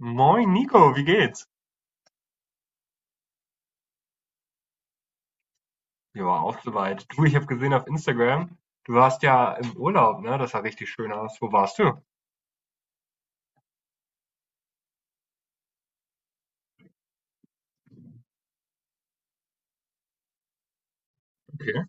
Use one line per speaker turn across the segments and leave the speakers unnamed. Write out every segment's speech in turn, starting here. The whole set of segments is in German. Moin Nico, wie geht's? Ja, auch soweit. Du, ich habe gesehen auf Instagram, du warst ja im Urlaub, ne? Das sah richtig schön aus. Wo warst du? Okay.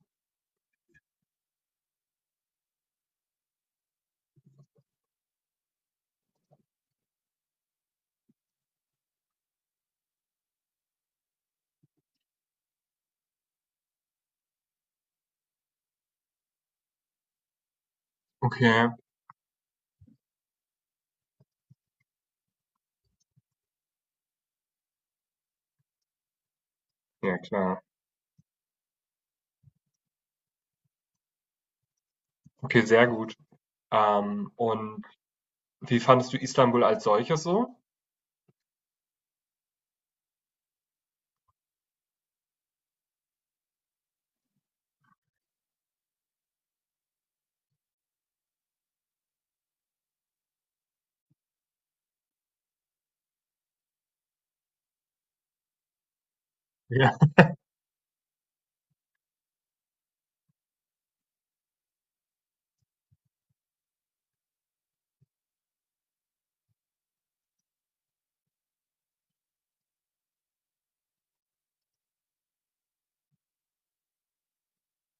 Okay. Ja, klar. Okay, sehr gut. Und wie fandest du Istanbul als solches so? Ja.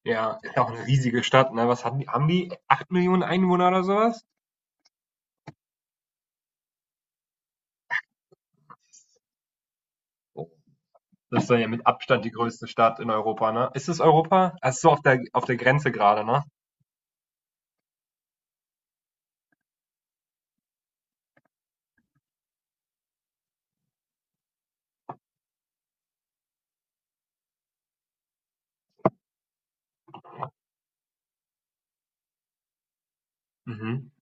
Ja, ist auch eine riesige Stadt, ne? Was haben die? Haben die 8 Millionen Einwohner oder sowas? Oh, das ist dann ja mit Abstand die größte Stadt in Europa, ne? Ist es Europa? Also so auf der Grenze gerade, ne? Mhm.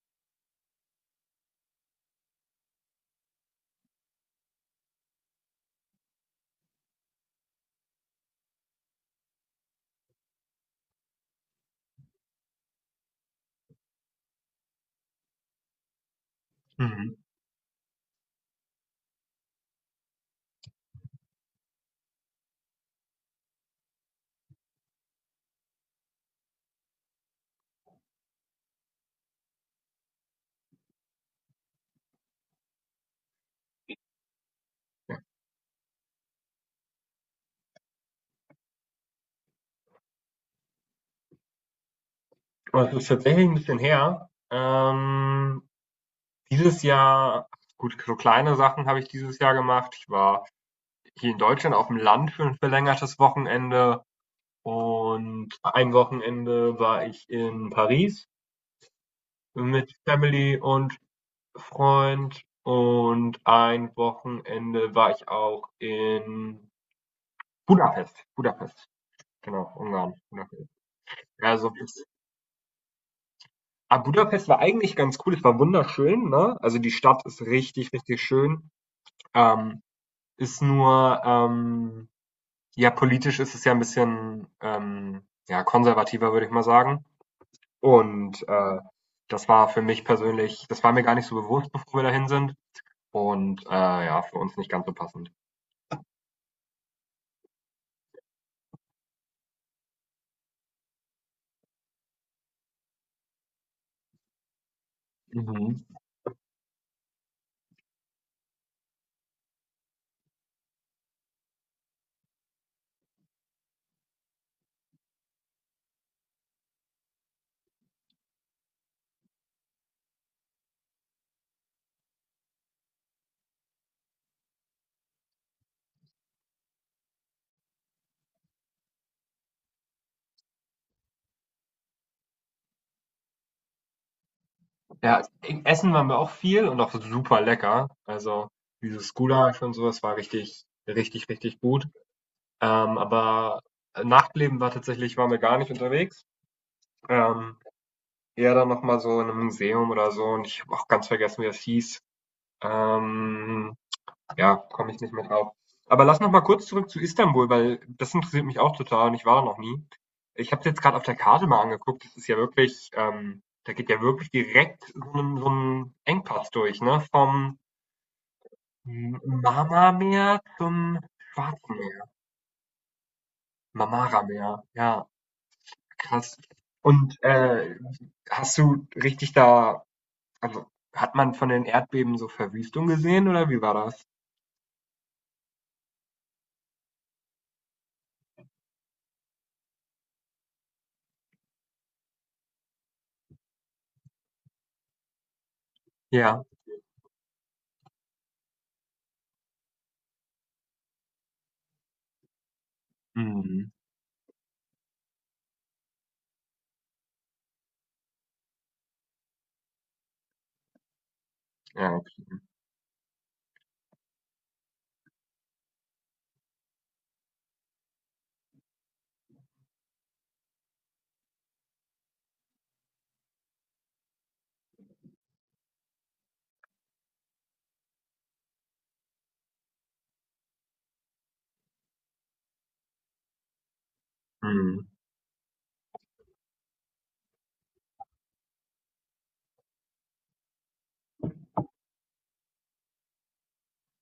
Mhm. Ja. Aber es ist tatsächlich ein bisschen her. Dieses Jahr gut, so kleine Sachen habe ich dieses Jahr gemacht. Ich war hier in Deutschland auf dem Land für ein verlängertes Wochenende, und ein Wochenende war ich in Paris mit Family und Freund, und ein Wochenende war ich auch in Budapest. Budapest, genau, Ungarn, Budapest. Also, Budapest war eigentlich ganz cool. Es war wunderschön, ne? Also, die Stadt ist richtig, richtig schön. Ähm Ist nur, ja, politisch ist es ja ein bisschen, ja, konservativer, würde ich mal sagen. Und, das war für mich persönlich, das war mir gar nicht so bewusst, bevor wir dahin sind, und, ja, für uns nicht ganz so passend. Mhm. Ja, e essen waren wir auch viel, und auch super lecker. Also, dieses Gulasch und sowas war richtig, richtig, richtig gut. Aber Nachtleben, war tatsächlich waren wir gar nicht unterwegs. Ähm Ja, dann noch mal so in einem Museum oder so, und ich habe auch ganz vergessen, wie das hieß. Ähm, ja, komme ich nicht mehr drauf. Aber lass noch mal kurz zurück zu Istanbul, weil das interessiert mich auch total und ich war da noch nie. Ich habe es jetzt gerade auf der Karte mal angeguckt, das ist ja wirklich, da geht ja wirklich direkt so ein so 'n Engpass durch, ne? Vom M Marmarmeer zum Schwarzen Meer, Marmara Meer, ja, krass. Und, hast du richtig da also, hat man von den Erdbeben so Verwüstung gesehen oder wie war das? Ja. Mhm. Ja, ok. Mhm.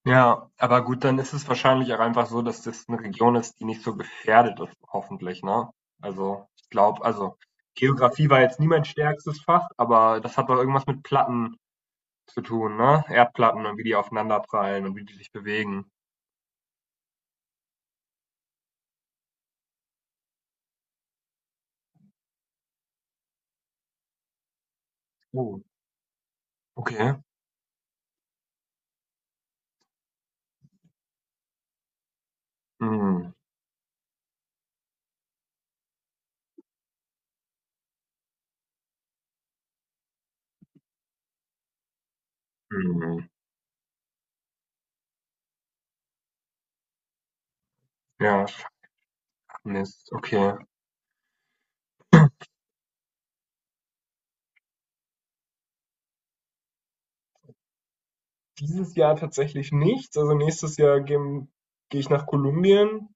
Ja, aber gut, dann ist es wahrscheinlich auch einfach so, dass das eine Region ist, die nicht so gefährdet ist, hoffentlich, ne? Also, ich glaube, also, Geografie war jetzt nie mein stärkstes Fach, aber das hat doch irgendwas mit Platten zu tun, ne? Erdplatten, und wie die aufeinanderprallen und wie die sich bewegen. Oh, okay. Mhm, mhm. Ja, sch Mist, okay. Dieses Jahr tatsächlich nichts. Also nächstes Jahr geh ich nach Kolumbien,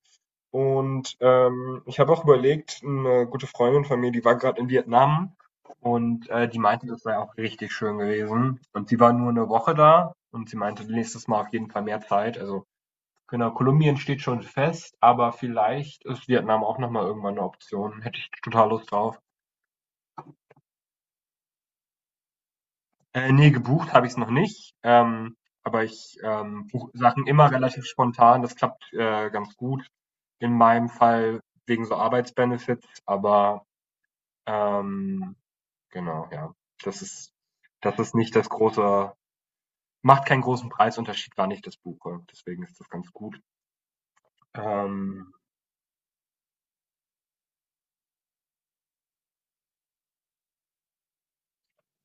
und ich habe auch überlegt, eine gute Freundin von mir, die war gerade in Vietnam, und die meinte, das sei auch richtig schön gewesen. Und sie war nur eine Woche da, und sie meinte, nächstes Mal auf jeden Fall mehr Zeit. Also genau, Kolumbien steht schon fest, aber vielleicht ist Vietnam auch nochmal irgendwann eine Option. Hätte ich total Lust drauf. Ne, gebucht habe ich es noch nicht, aber ich, buche Sachen immer relativ spontan. Das klappt, ganz gut. In meinem Fall wegen so Arbeitsbenefits, aber, ähm, genau, ja. Das ist das ist nicht das große macht keinen großen Preisunterschied, wann ich das buche. Deswegen ist das ganz gut. Ähm,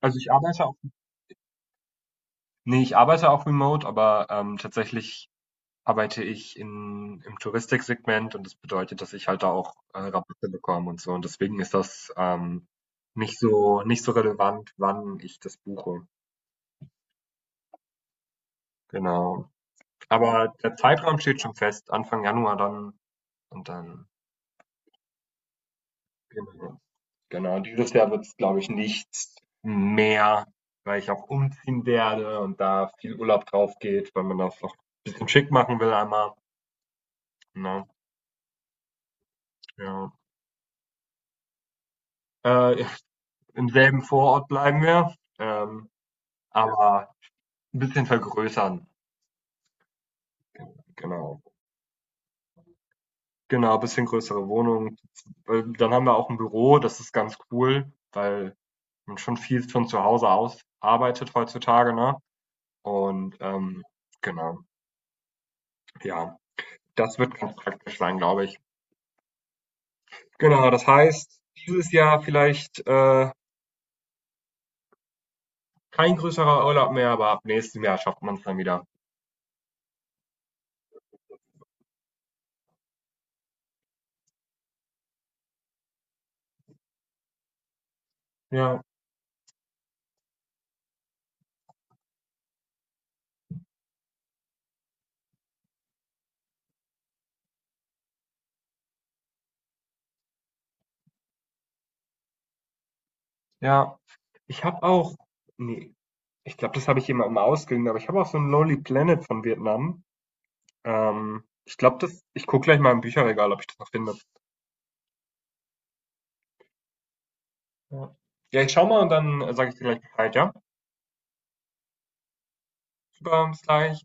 also, ich arbeite auch, ne, ich arbeite auch remote, aber, tatsächlich arbeite ich in im Touristiksegment, und das bedeutet, dass ich halt da auch, Rabatte bekomme und so, und deswegen ist das, nicht so relevant, wann ich das buche, genau. Aber der Zeitraum steht schon fest, Anfang Januar dann, und dann genau. Genau, und dieses Jahr wird es, glaube ich, nichts mehr, weil ich auch umziehen werde und da viel Urlaub drauf geht, weil man das auch bisschen schick machen will einmal, ne? Ja. Äh, Im selben Vorort bleiben wir, ähm aber ein bisschen vergrößern, genau. Genau, ein bisschen größere Wohnung. Weil dann haben wir auch ein Büro, das ist ganz cool, weil man schon viel von zu Hause aus arbeitet heutzutage, ne? Und, genau, ja, das wird ganz praktisch sein, glaube ich. Genau, das heißt, dieses Jahr vielleicht, kein größerer Urlaub mehr, aber ab nächstem Jahr schafft man es dann wieder. Ja, ja. Ich habe auch, nee, ich glaube, das habe ich jemandem ausgeliehen, aber ich habe auch so ein Lonely Planet von Vietnam. Ich glaube, das ich gucke gleich mal im Bücherregal, ob ich das noch finde. Ja. Ja, ich schau mal und dann, sage ich dir gleich Bescheid, ja? Super, bis gleich.